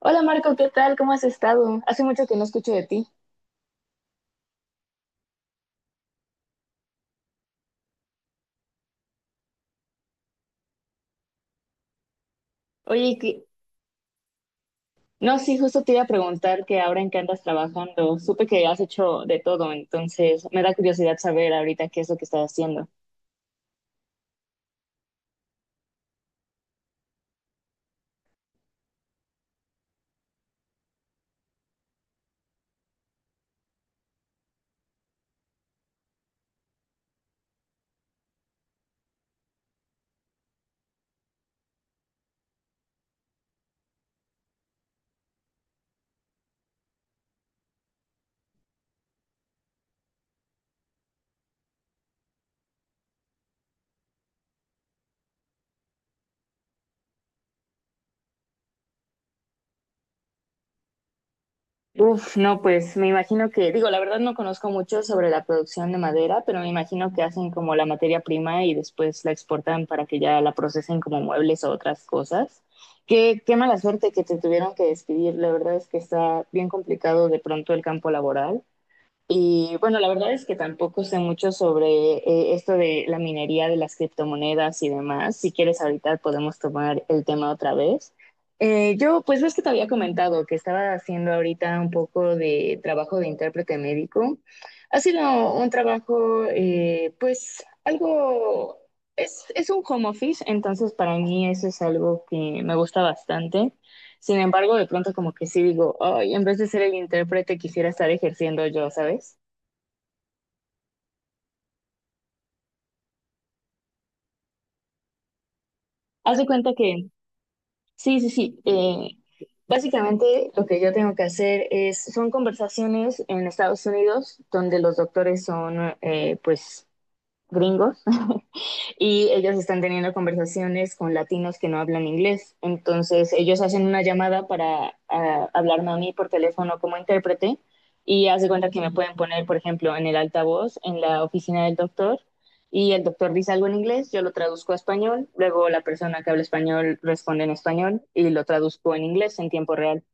Hola Marco, ¿qué tal? ¿Cómo has estado? Hace mucho que no escucho de ti. Oye, que- no, sí, justo te iba a preguntar que ahora en qué andas trabajando. Supe que has hecho de todo, entonces me da curiosidad saber ahorita qué es lo que estás haciendo. Uf, no, pues me imagino que, digo, la verdad no conozco mucho sobre la producción de madera, pero me imagino que hacen como la materia prima y después la exportan para que ya la procesen como muebles o otras cosas. Qué mala suerte que te tuvieron que despedir. La verdad es que está bien complicado de pronto el campo laboral. Y bueno, la verdad es que tampoco sé mucho sobre esto de la minería de las criptomonedas y demás. Si quieres, ahorita podemos tomar el tema otra vez. Yo, pues ves que te había comentado que estaba haciendo ahorita un poco de trabajo de intérprete médico. Ha sido un trabajo, pues es un home office, entonces para mí eso es algo que me gusta bastante. Sin embargo, de pronto como que sí digo, ay, en vez de ser el intérprete quisiera estar ejerciendo yo, ¿sabes? Haz de cuenta, sí, sí. Básicamente lo que yo tengo que hacer es, son conversaciones en Estados Unidos donde los doctores son pues gringos y ellos están teniendo conversaciones con latinos que no hablan inglés. Entonces ellos hacen una llamada para hablarme a mí por teléfono como intérprete y hace cuenta que me pueden poner, por ejemplo, en el altavoz, en la oficina del doctor y el doctor dice algo en inglés, yo lo traduzco a español, luego la persona que habla español responde en español y lo traduzco en inglés en tiempo real.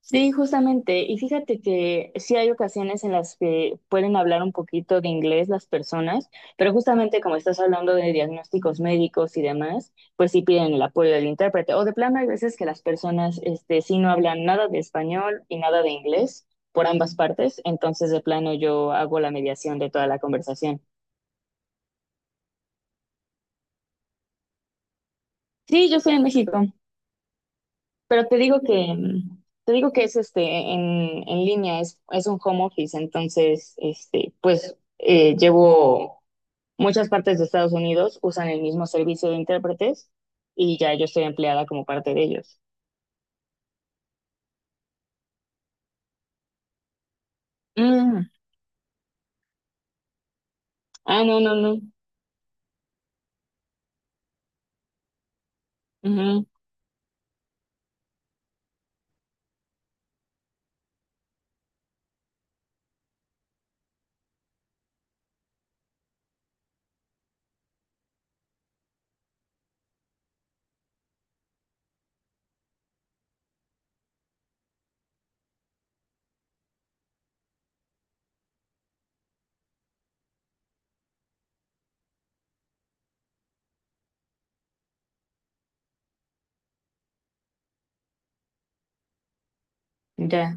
Sí, justamente. Y fíjate que sí hay ocasiones en las que pueden hablar un poquito de inglés las personas, pero justamente como estás hablando de diagnósticos médicos y demás, pues sí piden el apoyo del intérprete. O de plano hay veces que las personas, este, sí no hablan nada de español y nada de inglés por ambas partes, entonces de plano yo hago la mediación de toda la conversación. Sí, yo soy en México. Pero te digo que es este en línea, es un home office, entonces este, pues llevo muchas partes de Estados Unidos, usan el mismo servicio de intérpretes y ya yo estoy empleada como parte de ellos. Mm. Ah, no, no, no. Ujú, ya.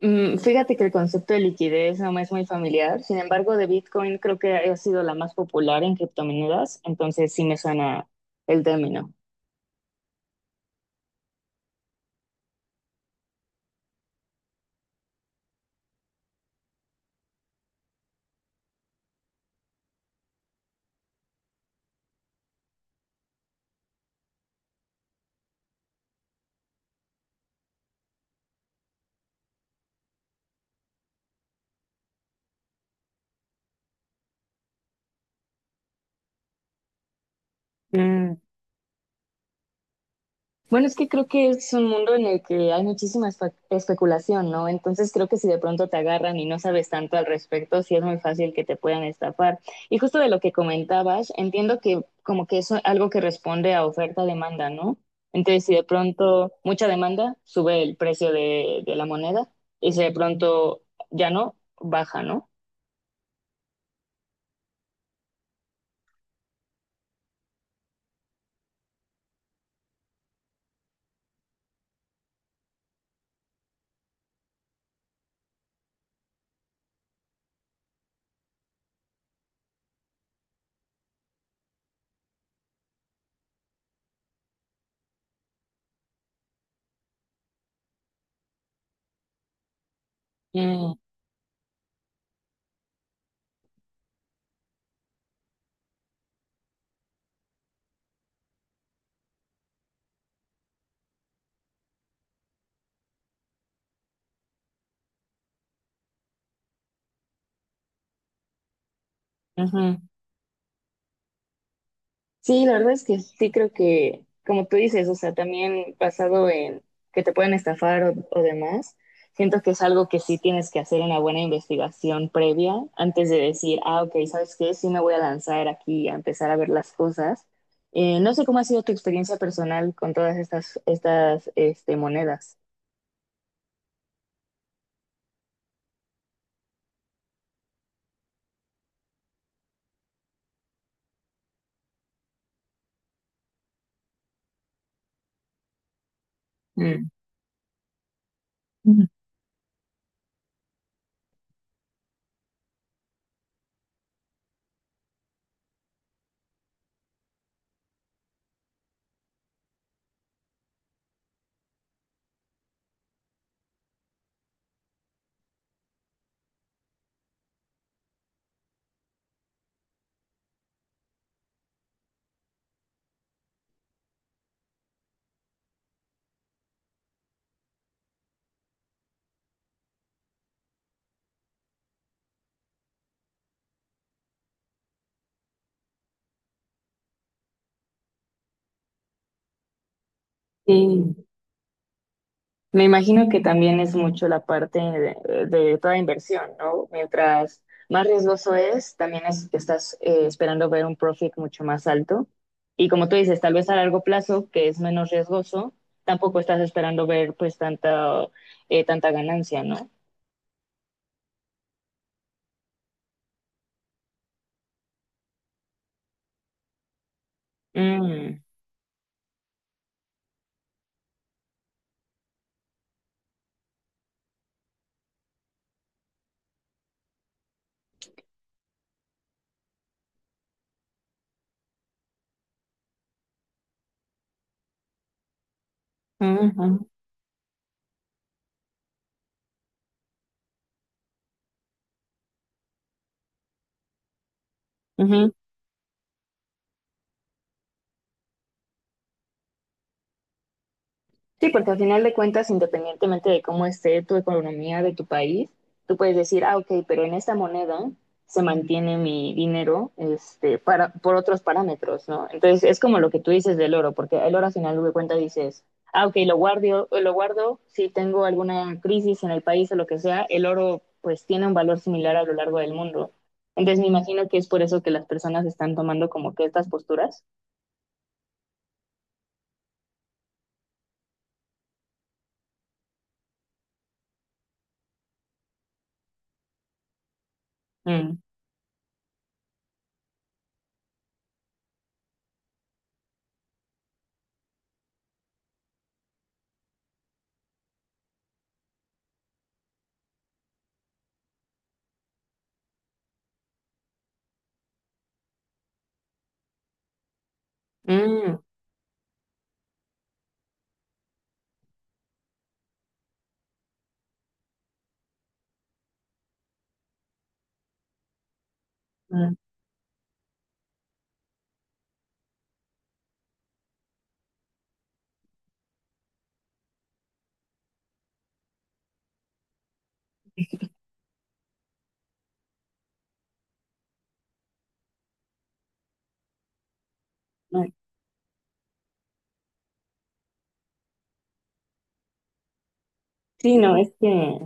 Mm, fíjate que el concepto de liquidez no me es muy familiar, sin embargo, de Bitcoin creo que ha sido la más popular en criptomonedas, entonces sí me suena el término. Mm. Bueno, es que creo que es un mundo en el que hay muchísima especulación, ¿no? Entonces creo que si de pronto te agarran y no sabes tanto al respecto, sí es muy fácil que te puedan estafar. Y justo de lo que comentabas, entiendo que como que es algo que responde a oferta-demanda, ¿no? Entonces si de pronto mucha demanda, sube el precio de la moneda y si de pronto ya no, baja, ¿no? Mm. Ujú. Sí, la verdad es que sí creo que, como tú dices, o sea, también basado en que te pueden estafar o demás, siento que es algo que sí tienes que hacer una buena investigación previa antes de decir, ah, ok, ¿sabes qué? Sí me voy a lanzar aquí a empezar a ver las cosas. No sé cómo ha sido tu experiencia personal con todas estas monedas. Mm. Sí. Me imagino que también es mucho la parte de toda inversión, ¿no? Mientras más riesgoso es, también estás esperando ver un profit mucho más alto. Y como tú dices, tal vez a largo plazo, que es menos riesgoso, tampoco estás esperando ver pues tanta, tanta ganancia, ¿no? Mm, ujú, ujú. Sí, porque al final de cuentas, independientemente de cómo esté tu economía de tu país, tú puedes decir, ah, ok, pero en esta moneda se mantiene mi dinero este, para, por otros parámetros, ¿no? Entonces, es como lo que tú dices del oro, porque el oro al final de cuentas dices, ah, ok, lo guardo, si tengo alguna crisis en el país o lo que sea, el oro pues tiene un valor similar a lo largo del mundo. Entonces, me imagino que es por eso que las personas están tomando como que estas posturas. Mm, mm, mm. Sí, no, es que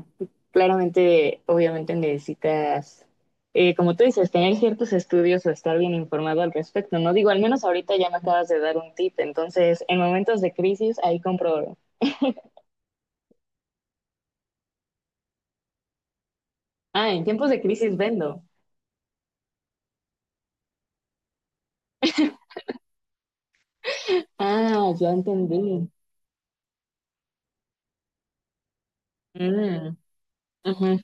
claramente, obviamente necesitas, como tú dices, tener ciertos estudios o estar bien informado al respecto, ¿no? Digo, al menos ahorita ya me acabas de dar un tip, entonces en momentos de crisis ahí compro. Ah, en tiempos de crisis vendo. Ah, ya entendí. Mm, ujú,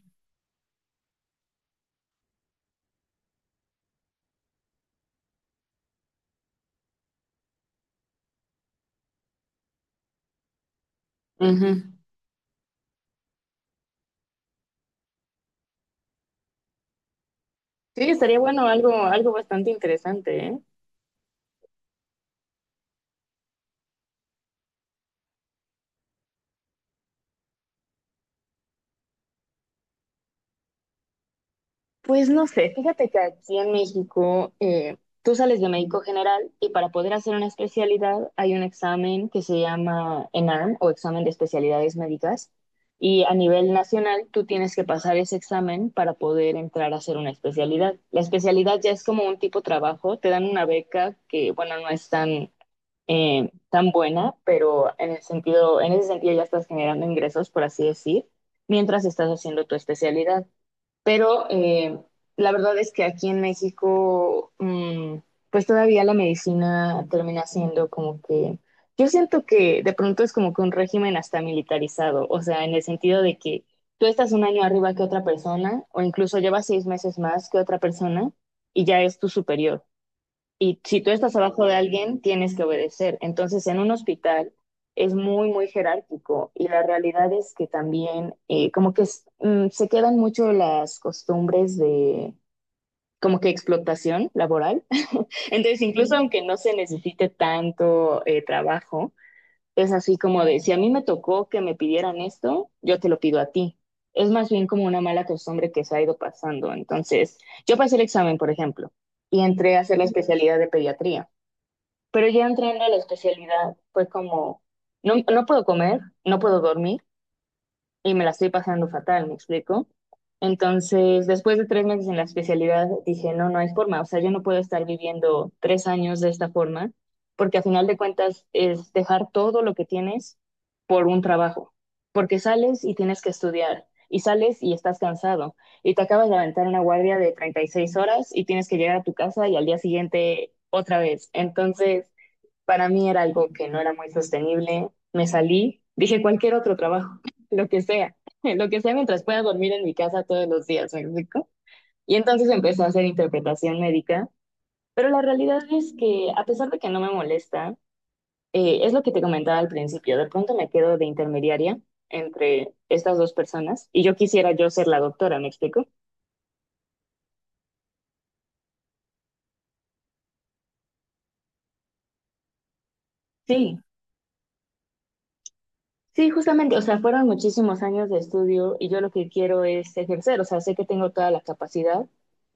ujú. Sí, estaría bueno algo, algo bastante interesante, ¿eh? Pues no sé, fíjate que aquí en México tú sales de médico general y para poder hacer una especialidad hay un examen que se llama ENARM o examen de especialidades médicas y a nivel nacional tú tienes que pasar ese examen para poder entrar a hacer una especialidad. La especialidad ya es como un tipo trabajo, te dan una beca que bueno, no es tan, tan buena, pero en el sentido, en ese sentido ya estás generando ingresos, por así decir, mientras estás haciendo tu especialidad. Pero la verdad es que aquí en México, mm, pues todavía la medicina termina siendo como que, yo siento que de pronto es como que un régimen hasta militarizado, o sea, en el sentido de que tú estás un año arriba que otra persona, o incluso llevas 6 meses más que otra persona, y ya es tu superior. Y si tú estás abajo de alguien, tienes que obedecer. Entonces, en un hospital es muy, muy jerárquico y la realidad es que también como que se quedan mucho las costumbres de como que explotación laboral. Entonces, incluso aunque no se necesite tanto trabajo, es así como de, si a mí me tocó que me pidieran esto, yo te lo pido a ti. Es más bien como una mala costumbre que se ha ido pasando. Entonces, yo pasé el examen, por ejemplo, y entré a hacer la especialidad de pediatría. Pero ya entrando a la especialidad, fue como, no, no puedo comer, no puedo dormir y me la estoy pasando fatal, ¿me explico? Entonces, después de 3 meses en la especialidad, dije, no, no hay forma, o sea, yo no puedo estar viviendo 3 años de esta forma, porque a final de cuentas es dejar todo lo que tienes por un trabajo, porque sales y tienes que estudiar, y sales y estás cansado, y te acabas de aventar una guardia de 36 horas y tienes que llegar a tu casa y al día siguiente otra vez. Entonces, para mí era algo que no era muy sostenible. Me salí, dije cualquier otro trabajo, lo que sea, lo que sea mientras pueda dormir en mi casa todos los días, ¿me explico? Y entonces empecé a hacer interpretación médica, pero la realidad es que a pesar de que no me molesta, es lo que te comentaba al principio, de pronto me quedo de intermediaria entre estas dos personas y yo quisiera yo ser la doctora, ¿me explico? Sí. Sí, justamente, o sea, fueron muchísimos años de estudio y yo lo que quiero es ejercer, o sea, sé que tengo toda la capacidad.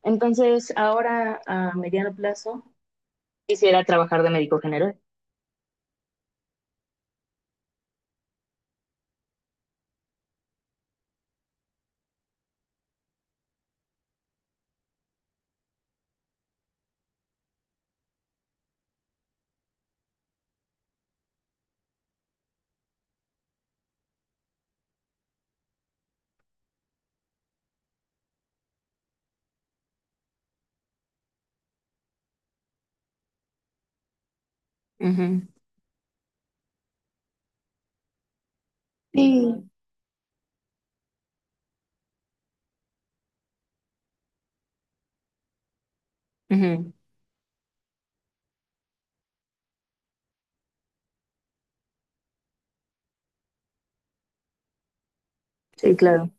Entonces, ahora a mediano plazo quisiera trabajar de médico general. Ujú. Sí, ujú. Sí, claro.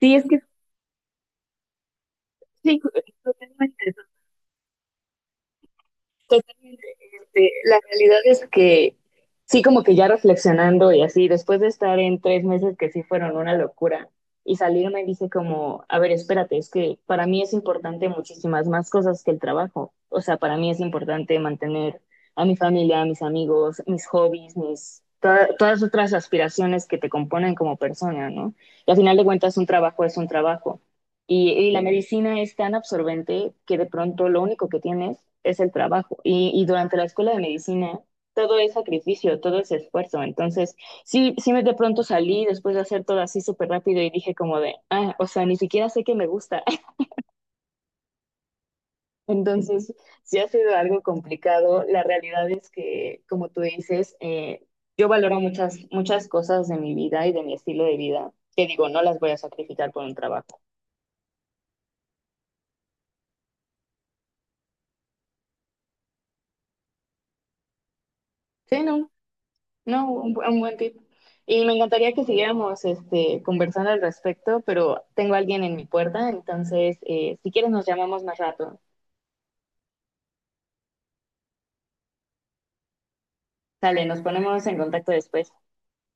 Sí, es que sí, ju- justamente. Totalmente. Este, la realidad es que sí, como que ya reflexionando y así, después de estar en 3 meses que sí fueron una locura y salirme dije como, a ver, espérate, es que para mí es importante muchísimas más cosas que el trabajo. O sea, para mí es importante mantener a mi familia, a mis amigos, mis hobbies, todas otras aspiraciones que te componen como persona, ¿no? Y al final de cuentas, un trabajo es un trabajo. Y la medicina es tan absorbente que de pronto lo único que tienes es el trabajo. Y durante la escuela de medicina todo es sacrificio, todo es esfuerzo. Entonces, sí me de pronto salí después de hacer todo así súper rápido y dije como de, ah, o sea, ni siquiera sé que me gusta. Entonces, sí ha sido algo complicado. La realidad es que, como tú dices, yo valoro muchas, muchas cosas de mi vida y de mi estilo de vida que digo, no las voy a sacrificar por un trabajo. Sí, no. No, un buen tip. Y me encantaría que siguiéramos este, conversando al respecto, pero tengo a alguien en mi puerta, entonces si quieres nos llamamos más rato. Sale, nos ponemos en contacto después.